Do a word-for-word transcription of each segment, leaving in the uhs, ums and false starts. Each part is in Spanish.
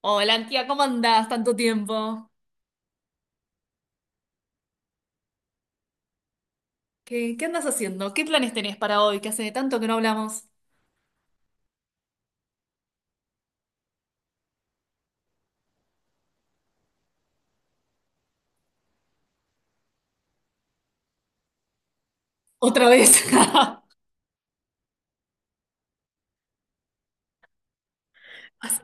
Hola, tía, ¿cómo andás? Tanto tiempo. ¿Qué, qué andas haciendo? ¿Qué planes tenés para hoy? Que hace tanto que no hablamos. Otra vez. Hace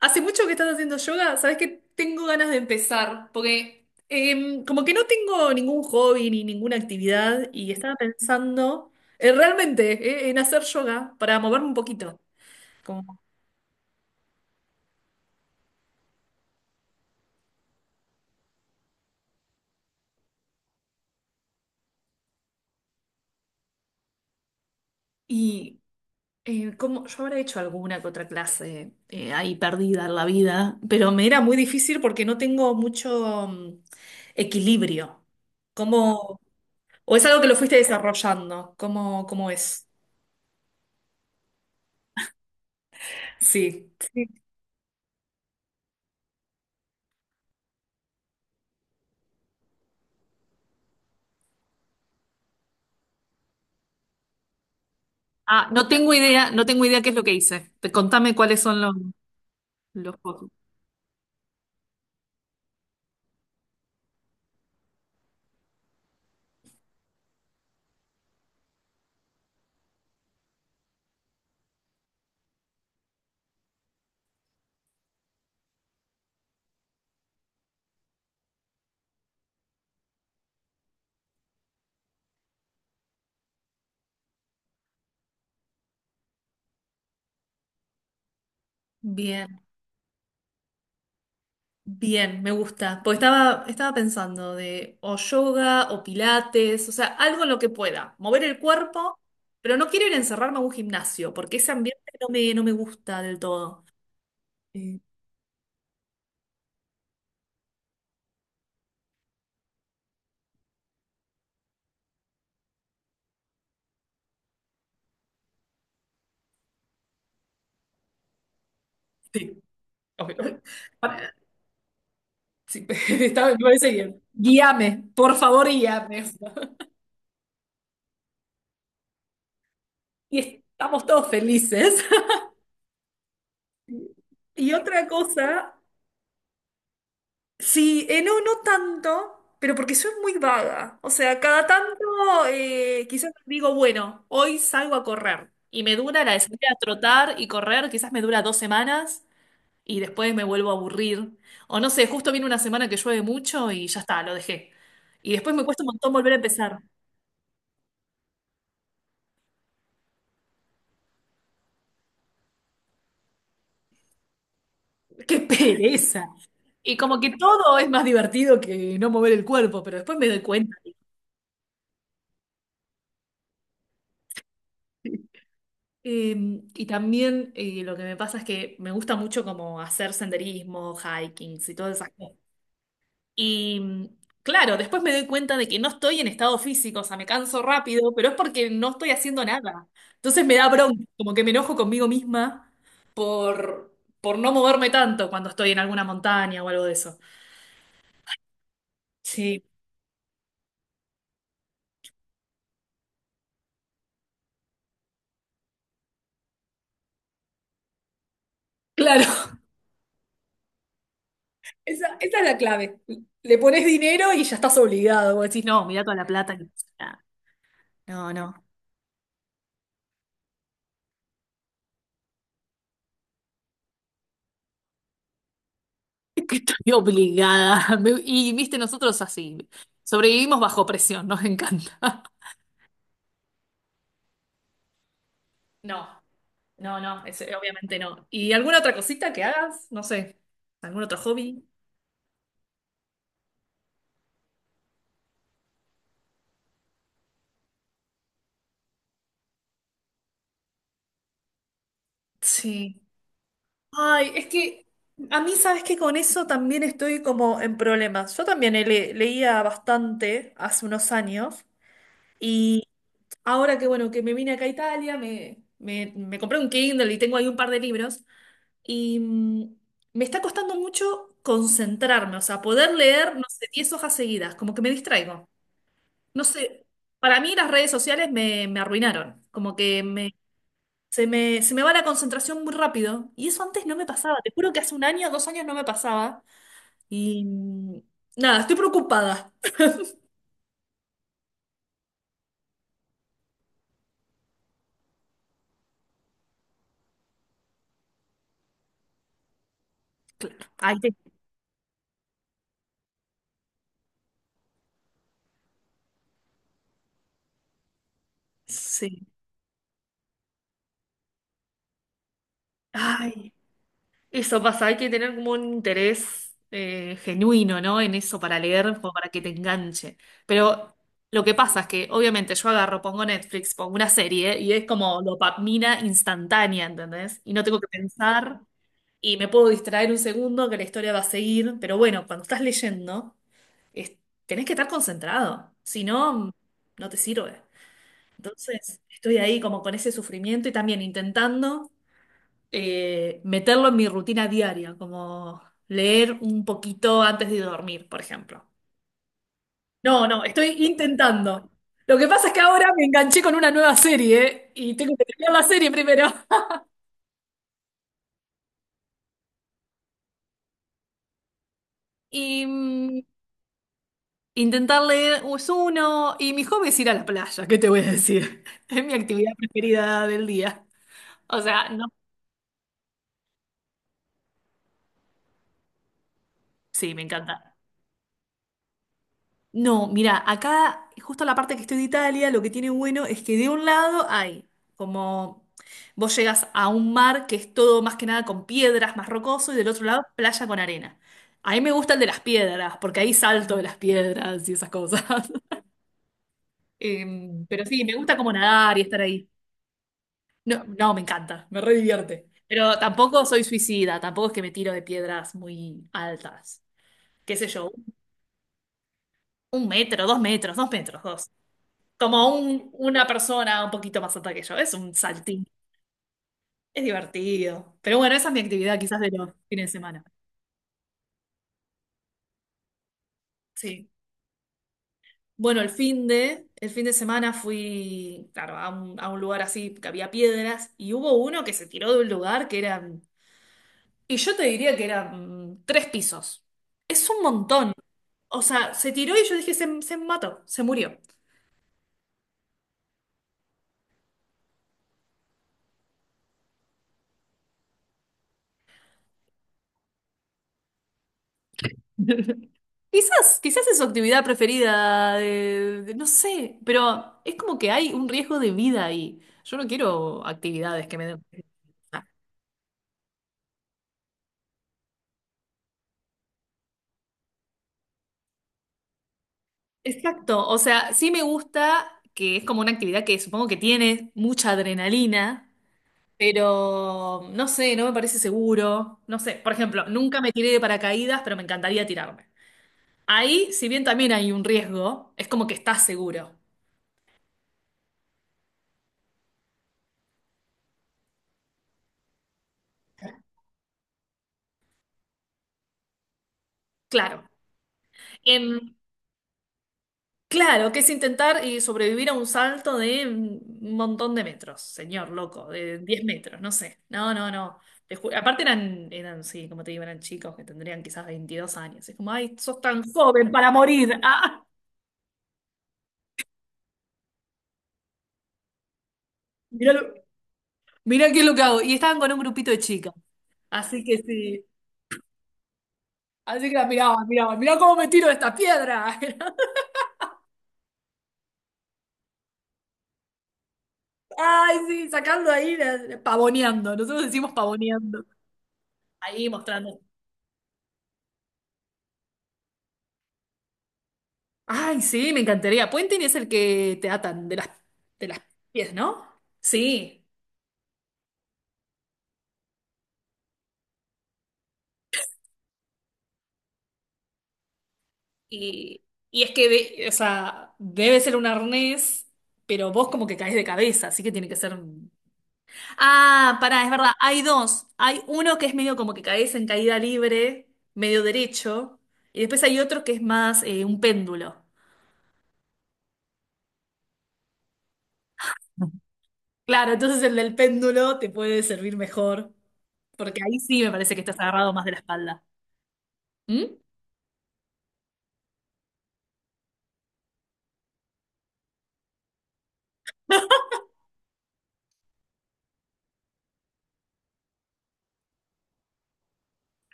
hace mucho que estás haciendo yoga. Sabes que tengo ganas de empezar, porque em, como que no tengo ningún hobby ni ninguna actividad y estaba pensando eh, realmente eh, en hacer yoga para moverme un poquito. Como- y Eh, como yo habré hecho alguna que otra clase eh, ahí perdida en la vida, pero me era muy difícil porque no tengo mucho mm, equilibrio. ¿Cómo, o es algo que lo fuiste desarrollando? ¿Cómo, cómo es? Sí. Sí. Ah, no tengo idea, no tengo idea qué es lo que hice. Te- Contame cuáles son los, los focus. Bien. Bien, me gusta. Porque estaba, estaba pensando de o yoga o pilates, o sea, algo en lo que pueda mover el cuerpo, pero no quiero ir a encerrarme a un gimnasio, porque ese ambiente no me, no me gusta del todo. Eh, sí, ok. Para- sí, está- me parece bien. Guíame, por favor, guíame. Y estamos todos felices. Y otra cosa. Sí, eh, no, no tanto, pero porque soy muy vaga. O sea, cada tanto eh, quizás digo, bueno, hoy salgo a correr. Y me dura la de salir a trotar y correr, quizás me dura dos semanas y después me vuelvo a aburrir. O no sé, justo viene una semana que llueve mucho y ya está, lo dejé. Y después me cuesta un montón volver a empezar. ¡Qué pereza! Y como que todo es más divertido que no mover el cuerpo, pero después me doy cuenta. Eh, y también eh, lo que me pasa es que me gusta mucho como hacer senderismo, hikings y todas esas cosas. Y mm, claro, después me doy cuenta de que no estoy en estado físico, o sea, me canso rápido, pero es porque no estoy haciendo nada. Entonces me da bronca, como que me enojo conmigo misma por, por no moverme tanto cuando estoy en alguna montaña o algo de eso. Sí, claro, esa, esa es la clave. Le pones dinero y ya estás obligado. Vos decís, no, mira toda la plata que... Ah, no, no. Es que estoy obligada. Me- Y viste, nosotros así. Sobrevivimos bajo presión, nos encanta. No, no, no, es- obviamente no. ¿Y alguna otra cosita que hagas? No sé, ¿algún otro hobby? Sí. Ay, es que a mí sabes que con eso también estoy como en problemas. Yo también le- leía bastante hace unos años, y ahora que bueno, que me vine acá a Italia, me, me, me compré un Kindle y tengo ahí un par de libros. Y mm, me está costando mucho concentrarme, o sea, poder leer, no sé, diez hojas seguidas, como que me distraigo. No sé, para mí las redes sociales me, me arruinaron, como que me, se me, se me va la concentración muy rápido. Y eso antes no me pasaba, te juro que hace un año, dos años no me pasaba. Y mm, nada, estoy preocupada. Claro, ahí te... Sí. Ay. Eso pasa, hay que tener como un interés eh, genuino, ¿no? En eso para leer, como para que te enganche. Pero lo que pasa es que, obviamente, yo agarro, pongo Netflix, pongo una serie y es como dopamina instantánea, ¿entendés? Y no tengo que pensar, y me puedo distraer un segundo que la historia va a seguir. Pero bueno, cuando estás leyendo, es- tenés que estar concentrado, si no, no te sirve. Entonces, estoy ahí como con ese sufrimiento y también intentando eh, meterlo en mi rutina diaria, como leer un poquito antes de dormir, por ejemplo. No, no, estoy intentando. Lo que pasa es que ahora me enganché con una nueva serie, ¿eh? Y tengo que terminar la serie primero. Y mm, intentar leer es uno. Y mi hobby es ir a la playa, ¿qué te voy a decir? Es mi actividad preferida del día. O sea, no. Sí, me encanta. No, mira, acá, justo la parte que estoy de Italia, lo que tiene bueno es que de un lado hay como, vos llegas a un mar que es todo más que nada con piedras, más rocoso, y del otro lado playa con arena. A mí me gusta el de las piedras, porque ahí salto de las piedras y esas cosas. Em, pero sí, me gusta como nadar y estar ahí. No, no, me encanta, me re divierte. Pero tampoco soy suicida, tampoco es que me tiro de piedras muy altas. ¿Qué sé yo? Un metro, dos metros, dos metros, dos. Como un- una persona un poquito más alta que yo. Es un saltín. Es divertido. Pero bueno, esa es mi actividad quizás de los fines de semana. Sí. Bueno, el fin de, el fin de semana fui, claro, a un, a un lugar así que había piedras y hubo uno que se tiró de un lugar que eran, y yo te diría que eran mm, tres pisos. Es un montón. O sea, se tiró y yo dije, se, se mató, se murió. Quizás, quizás es su actividad preferida, de- de- no sé, pero es como que hay un riesgo de vida ahí. Yo no quiero actividades que me den... Ah, exacto, o sea, sí me gusta que es como una actividad que supongo que tiene mucha adrenalina, pero no sé, no me parece seguro. No sé, por ejemplo, nunca me tiré de paracaídas, pero me encantaría tirarme. Ahí, si bien también hay un riesgo, es como que estás seguro. Claro. Em, Claro, que es intentar y sobrevivir a un salto de un montón de metros, señor loco, de diez metros, no sé. No, no, no. Te ju- Aparte eran, eran, sí, como te digo, eran chicos que tendrían quizás veintidós años. Es como, ay, sos tan joven para morir. Ah, mirá, lo- mirá qué es lo que hago. Y estaban con un grupito de chicas. Así que sí. Así que la miraban, miraban, mirá cómo me tiro de esta piedra. Ay, sí, sacando ahí, la- pavoneando. Nosotros decimos pavoneando. Ahí mostrando. Ay, sí, me encantaría. Puenting es el que te atan de las, de las pies, ¿no? Sí. Y, y es que, de- o sea, debe ser un arnés, pero vos como que caes de cabeza, así que tiene que ser. un- Ah, pará, es verdad, hay dos. Hay uno que es medio como que caes en caída libre, medio derecho, y después hay otro que es más eh, un péndulo. Claro, entonces el del péndulo te puede servir mejor, porque ahí sí me parece que estás agarrado más de la espalda. ¿Mm?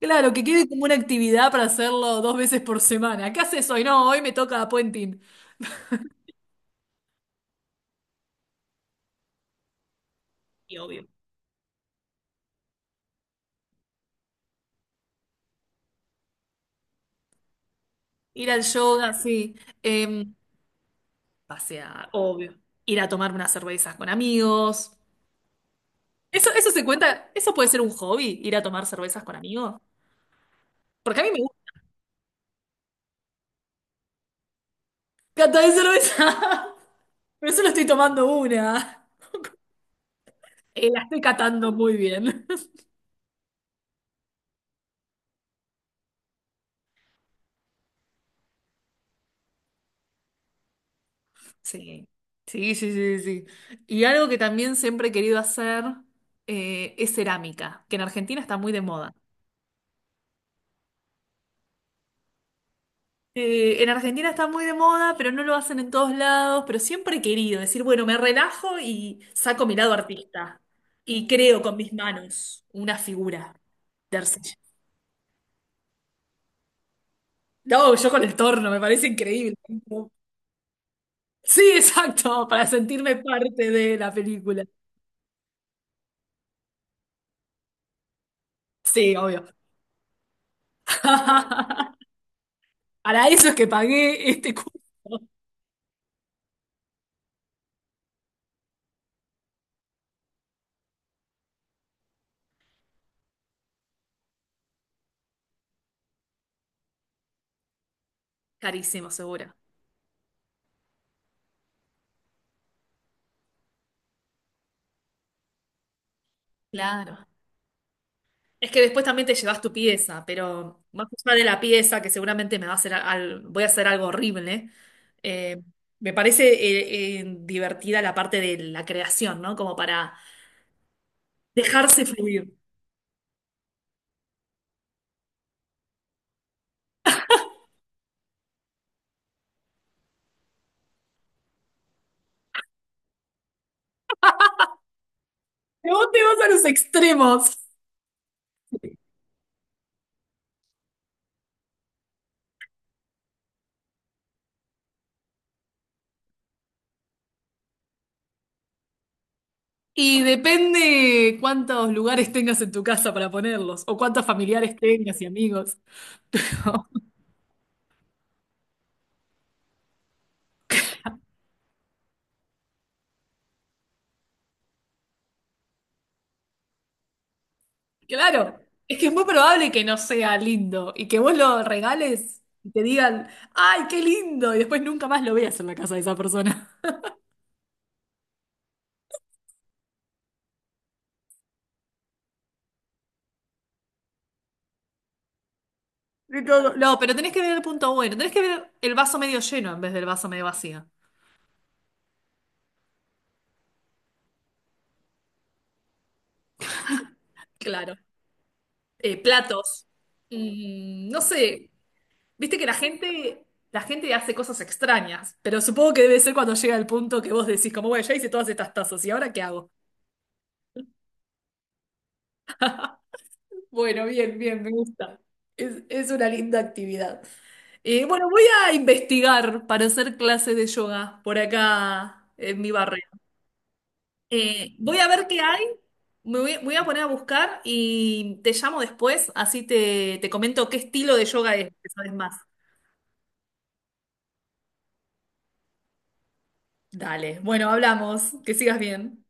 Claro, que quede como una actividad para hacerlo dos veces por semana. ¿Qué haces hoy? No, hoy me toca puenting. Y obvio. Ir al yoga, sí. Em, pasear, obvio. Ir a tomar unas cervezas con amigos. Eso, eso se cuenta, eso puede ser un hobby, ir a tomar cervezas con amigos. Porque a mí me gusta catar cerveza. Pero solo estoy tomando una. Eh, la estoy catando muy bien. Sí. Sí, sí, sí, sí. Y algo que también siempre he querido hacer eh, es cerámica, que en Argentina está muy de moda. Eh, en Argentina está muy de moda, pero no lo hacen en todos lados, pero siempre he querido decir, bueno, me relajo y saco mi lado artista y creo con mis manos una figura de arcilla. No, yo con el torno, me parece increíble. Sí, exacto, para sentirme parte de la película. Sí, obvio. Para eso es que pagué este curso. Carísimo, seguro. Claro. Es que después también te llevas tu pieza, pero más allá de la pieza, que seguramente me va a hacer al- voy a hacer algo horrible, eh, me parece eh, eh, divertida la parte de la creación, ¿no? Como para dejarse fluir. Pero vos te vas a los extremos. Y depende cuántos lugares tengas en tu casa para ponerlos, o cuántos familiares tengas y amigos. Claro, es que es muy probable que no sea lindo y que vos lo regales y te digan, ¡ay, qué lindo! Y después nunca más lo veas en la casa de esa persona. Y todo. No, pero tenés que ver el punto bueno, tenés que ver el vaso medio lleno en vez del vaso medio vacío. Claro. Eh, platos. Mm, no sé, viste que la gente, la gente hace cosas extrañas, pero supongo que debe ser cuando llega el punto que vos decís, como, bueno, ya hice todas estas tazas, ¿y ahora qué hago? Bueno, bien, bien, me gusta. Es, es una linda actividad. Eh, bueno, voy a investigar para hacer clases de yoga por acá en mi barrio. Eh, voy a ver qué hay, me voy, voy a poner a buscar y te llamo después, así te, te comento qué estilo de yoga es, que sabes más. Dale, bueno, hablamos, que sigas bien.